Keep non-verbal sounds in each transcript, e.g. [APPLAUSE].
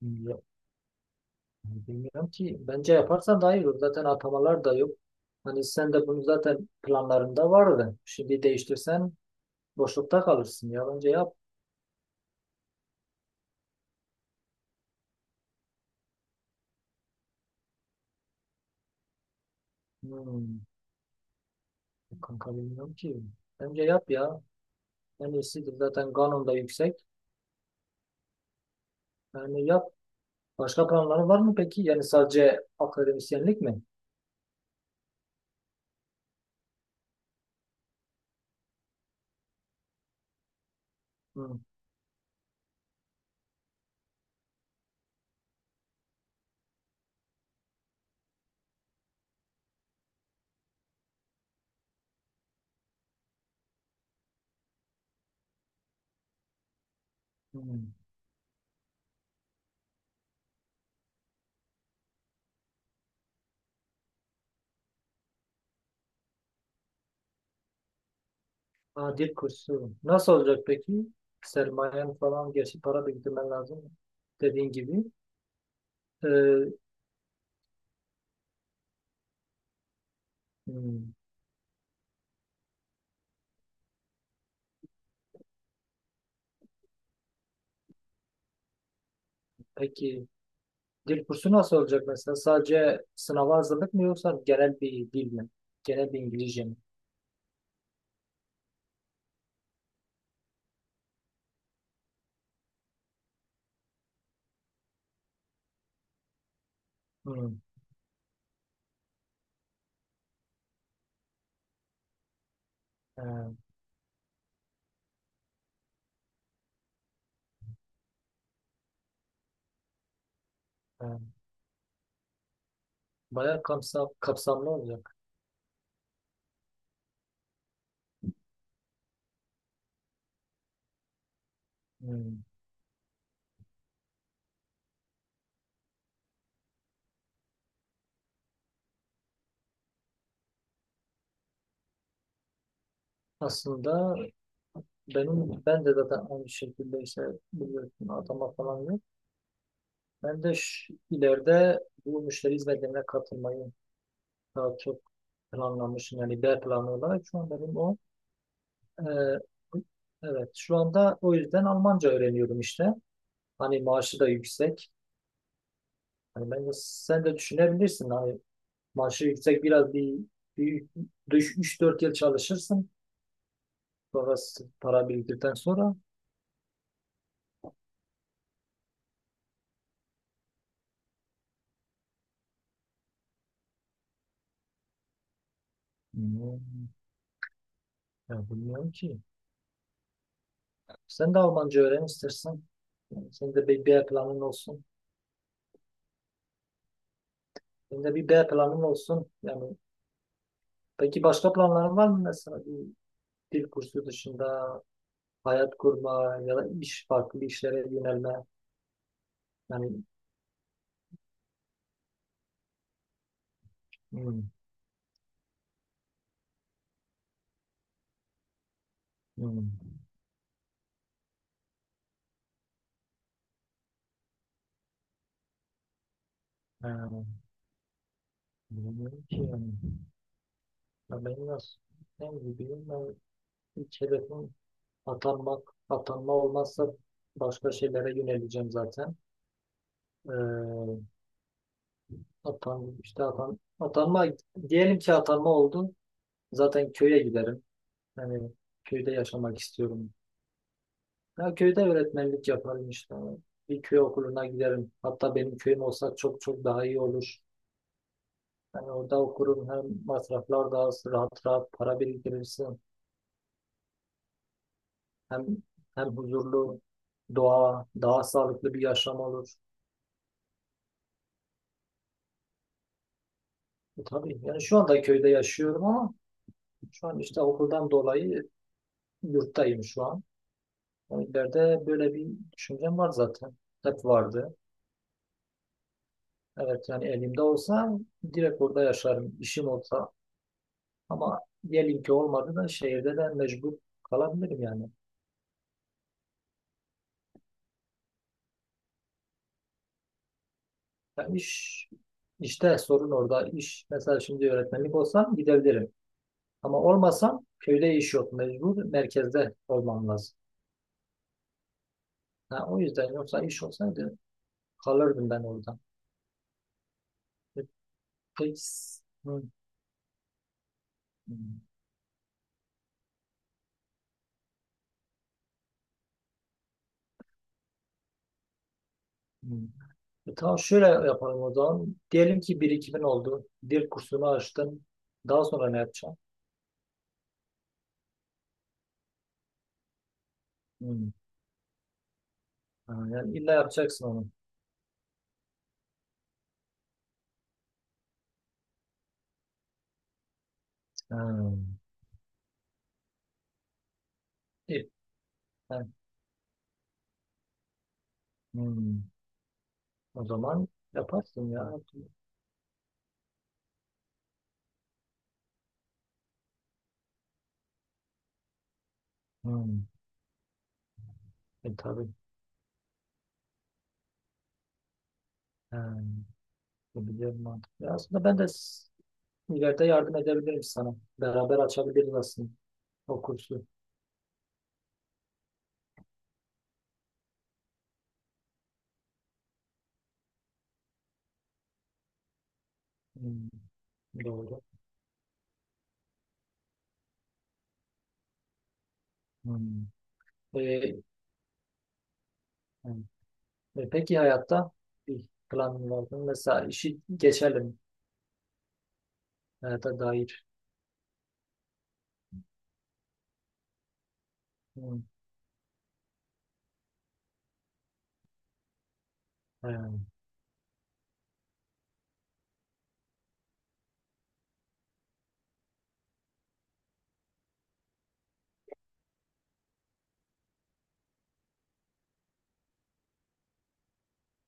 Ya, bilmiyorum ki. Bence yaparsan daha iyi olur. Zaten atamalar da yok. Hani sen de bunu zaten planlarında vardı. Şimdi değiştirsen boşlukta kalırsın ya. Bence yap. Hmm, kanka bilmiyorum ki. Bence yap ya. En iyisidir. Zaten kanun da yüksek. Yani yap. Başka planların var mı peki? Yani sadece akademisyenlik mi? Hmm, hmm. Aa, dil kursu. Nasıl olacak peki? Sermayen falan. Gerçi para biriktirmen lazım. Dediğin gibi. Ee, hmm, peki. Dil kursu nasıl olacak mesela? Sadece sınava hazırlık mı yoksa genel bir dil mi? Genel bir İngilizce mi? Hmm. Ee, e, Bayağı kapsamlı olacak. Hmm. Aslında benim ben de zaten aynı şekilde işte biliyorsun atama falan yok. Ben de ileride bu müşteri hizmetlerine katılmayı daha çok planlamışım. Yani B planı olarak şu an benim o. Ee, evet şu anda o yüzden Almanca öğreniyorum işte. Hani maaşı da yüksek. Yani bence sen de düşünebilirsin. Hani maaşı yüksek biraz bir 3-4 yıl çalışırsın. Sonrası para biriktirdikten sonra hmm, ya bilmiyorum ki. Sen de Almanca öğren istersen. Yani senin de bir B planın olsun. Senin de bir B planın olsun. Yani peki başka planların var mı mesela bir dil kursu dışında hayat kurma ya da iş farklı işlere yönelme. Yani hmm, hmm. Ha, bilmiyorum ki yani. Ya benim nasıl ben gibiyim ben ilk hedefim atanmak atanma olmazsa başka şeylere yöneleceğim zaten ee, atan işte atan atanma diyelim ki atanma oldu zaten köye giderim yani köyde yaşamak istiyorum ya köyde öğretmenlik yaparım işte bir köy okuluna giderim hatta benim köyüm olsa çok çok daha iyi olur yani orada okurum hem masraflar daha az rahat rahat para biriktirirsin. Hem hem huzurlu doğa, daha sağlıklı bir yaşam olur. Tabii yani şu anda köyde yaşıyorum ama şu an işte okuldan dolayı yurttayım şu an. Yani ileride böyle bir düşüncem var zaten. Hep vardı. Evet yani elimde olsa direkt orada yaşarım, işim olsa. Ama diyelim ki olmadı da şehirde de mecbur kalabilirim yani. Yani iş, işte sorun orada. İş mesela şimdi öğretmenlik olsam gidebilirim. Ama olmasam köyde iş yok. Mecbur merkezde olmam lazım. Ha, o yüzden yoksa iş olsaydı kalırdım ben orada. E, Peki. Hı, hı, hı. Tamam şöyle yapalım o zaman. Diyelim ki birikimin oldu. Dil kursunu açtın. Daha sonra ne yapacaksın? Hı. Ha, yani illa yapacaksın onu. Ha. İyi. Ha, hı. O zaman yaparsın ya. Hı. Tabii. Ha. Bu bir mantıklı. Aslında ben de İleride yardım edebilirim sana. Beraber açabiliriz aslında o kursu. Hmm, doğru. Hmm. Ee, hmm. Peki hayatta bir planın var mı? Mesela işi geçelim hayata dair. Hmm, hmm,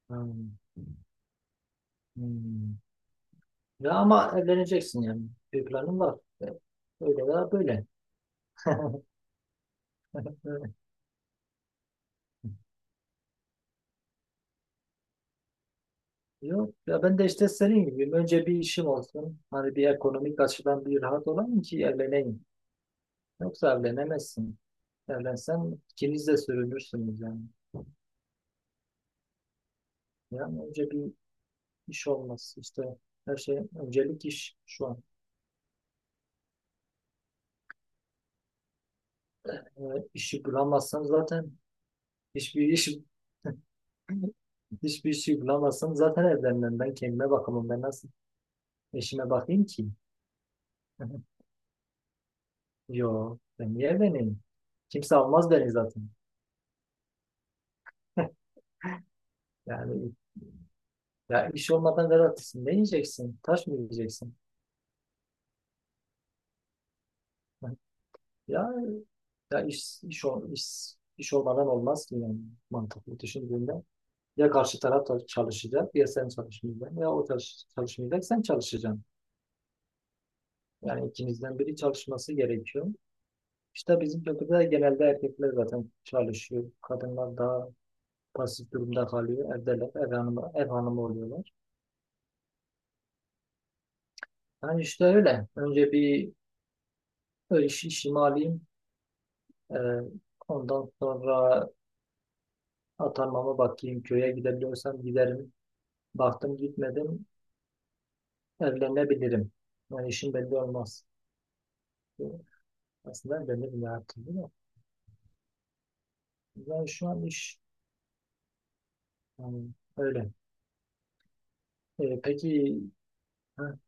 hmm, hmm. Ya ama evleneceksin yani. Bir planın var. Öyle ya böyle. [LAUGHS] Evet. Yok ya ben de işte senin gibiyim. Önce bir işim olsun. Hani bir ekonomik açıdan bir rahat olayım ki evleneyim. Yok zevlenemezsin. Zevlensen ikiniz de sürünürsünüz yani. Yani önce bir iş olması işte her şey öncelik iş şu an. E, işi bulamazsan zaten hiçbir iş [LAUGHS] hiçbir işi bulamazsam zaten evlenmem. Ben kendime bakamam. Ben nasıl eşime bakayım ki? [LAUGHS] Yo ben niye evleneyim? Kimse almaz beni zaten. [LAUGHS] Yani ya iş olmadan garantisin. Ne yiyeceksin? Taş mı yiyeceksin? [LAUGHS] Ya, ya, iş olmadan olmaz ki yani mantıklı düşündüğünde. Ya karşı taraf da çalışacak ya sen çalışmayacaksın ya o çalışmayacak sen çalışacaksın. Yani ikinizden biri çalışması gerekiyor. İşte bizim kültürde genelde erkekler zaten çalışıyor. Kadınlar daha pasif durumda kalıyor. Evdeler, ev hanımı, ev hanımı oluyorlar. Yani işte öyle. Önce bir iş, işimi alayım. Ee, ondan sonra atanmama bakayım. Köye gidebiliyorsam giderim. Baktım gitmedim. Evlenebilirim. Yani işim belli olmaz. Bu Aslında evlenirim ya artık değil mi? Yani şu an iş yani öyle. Peki, ha,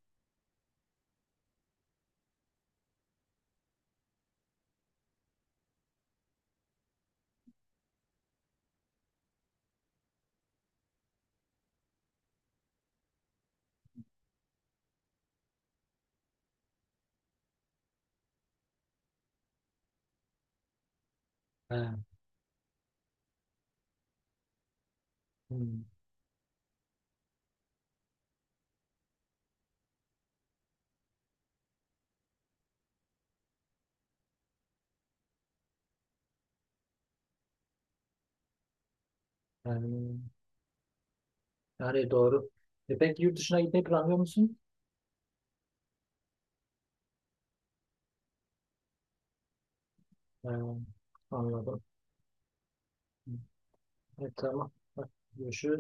ha, hmm, yani, yani doğru. Peki yurt dışına gitmeyi planlıyor musun? Ha, anladım. Tamam. Hadi, görüşürüz.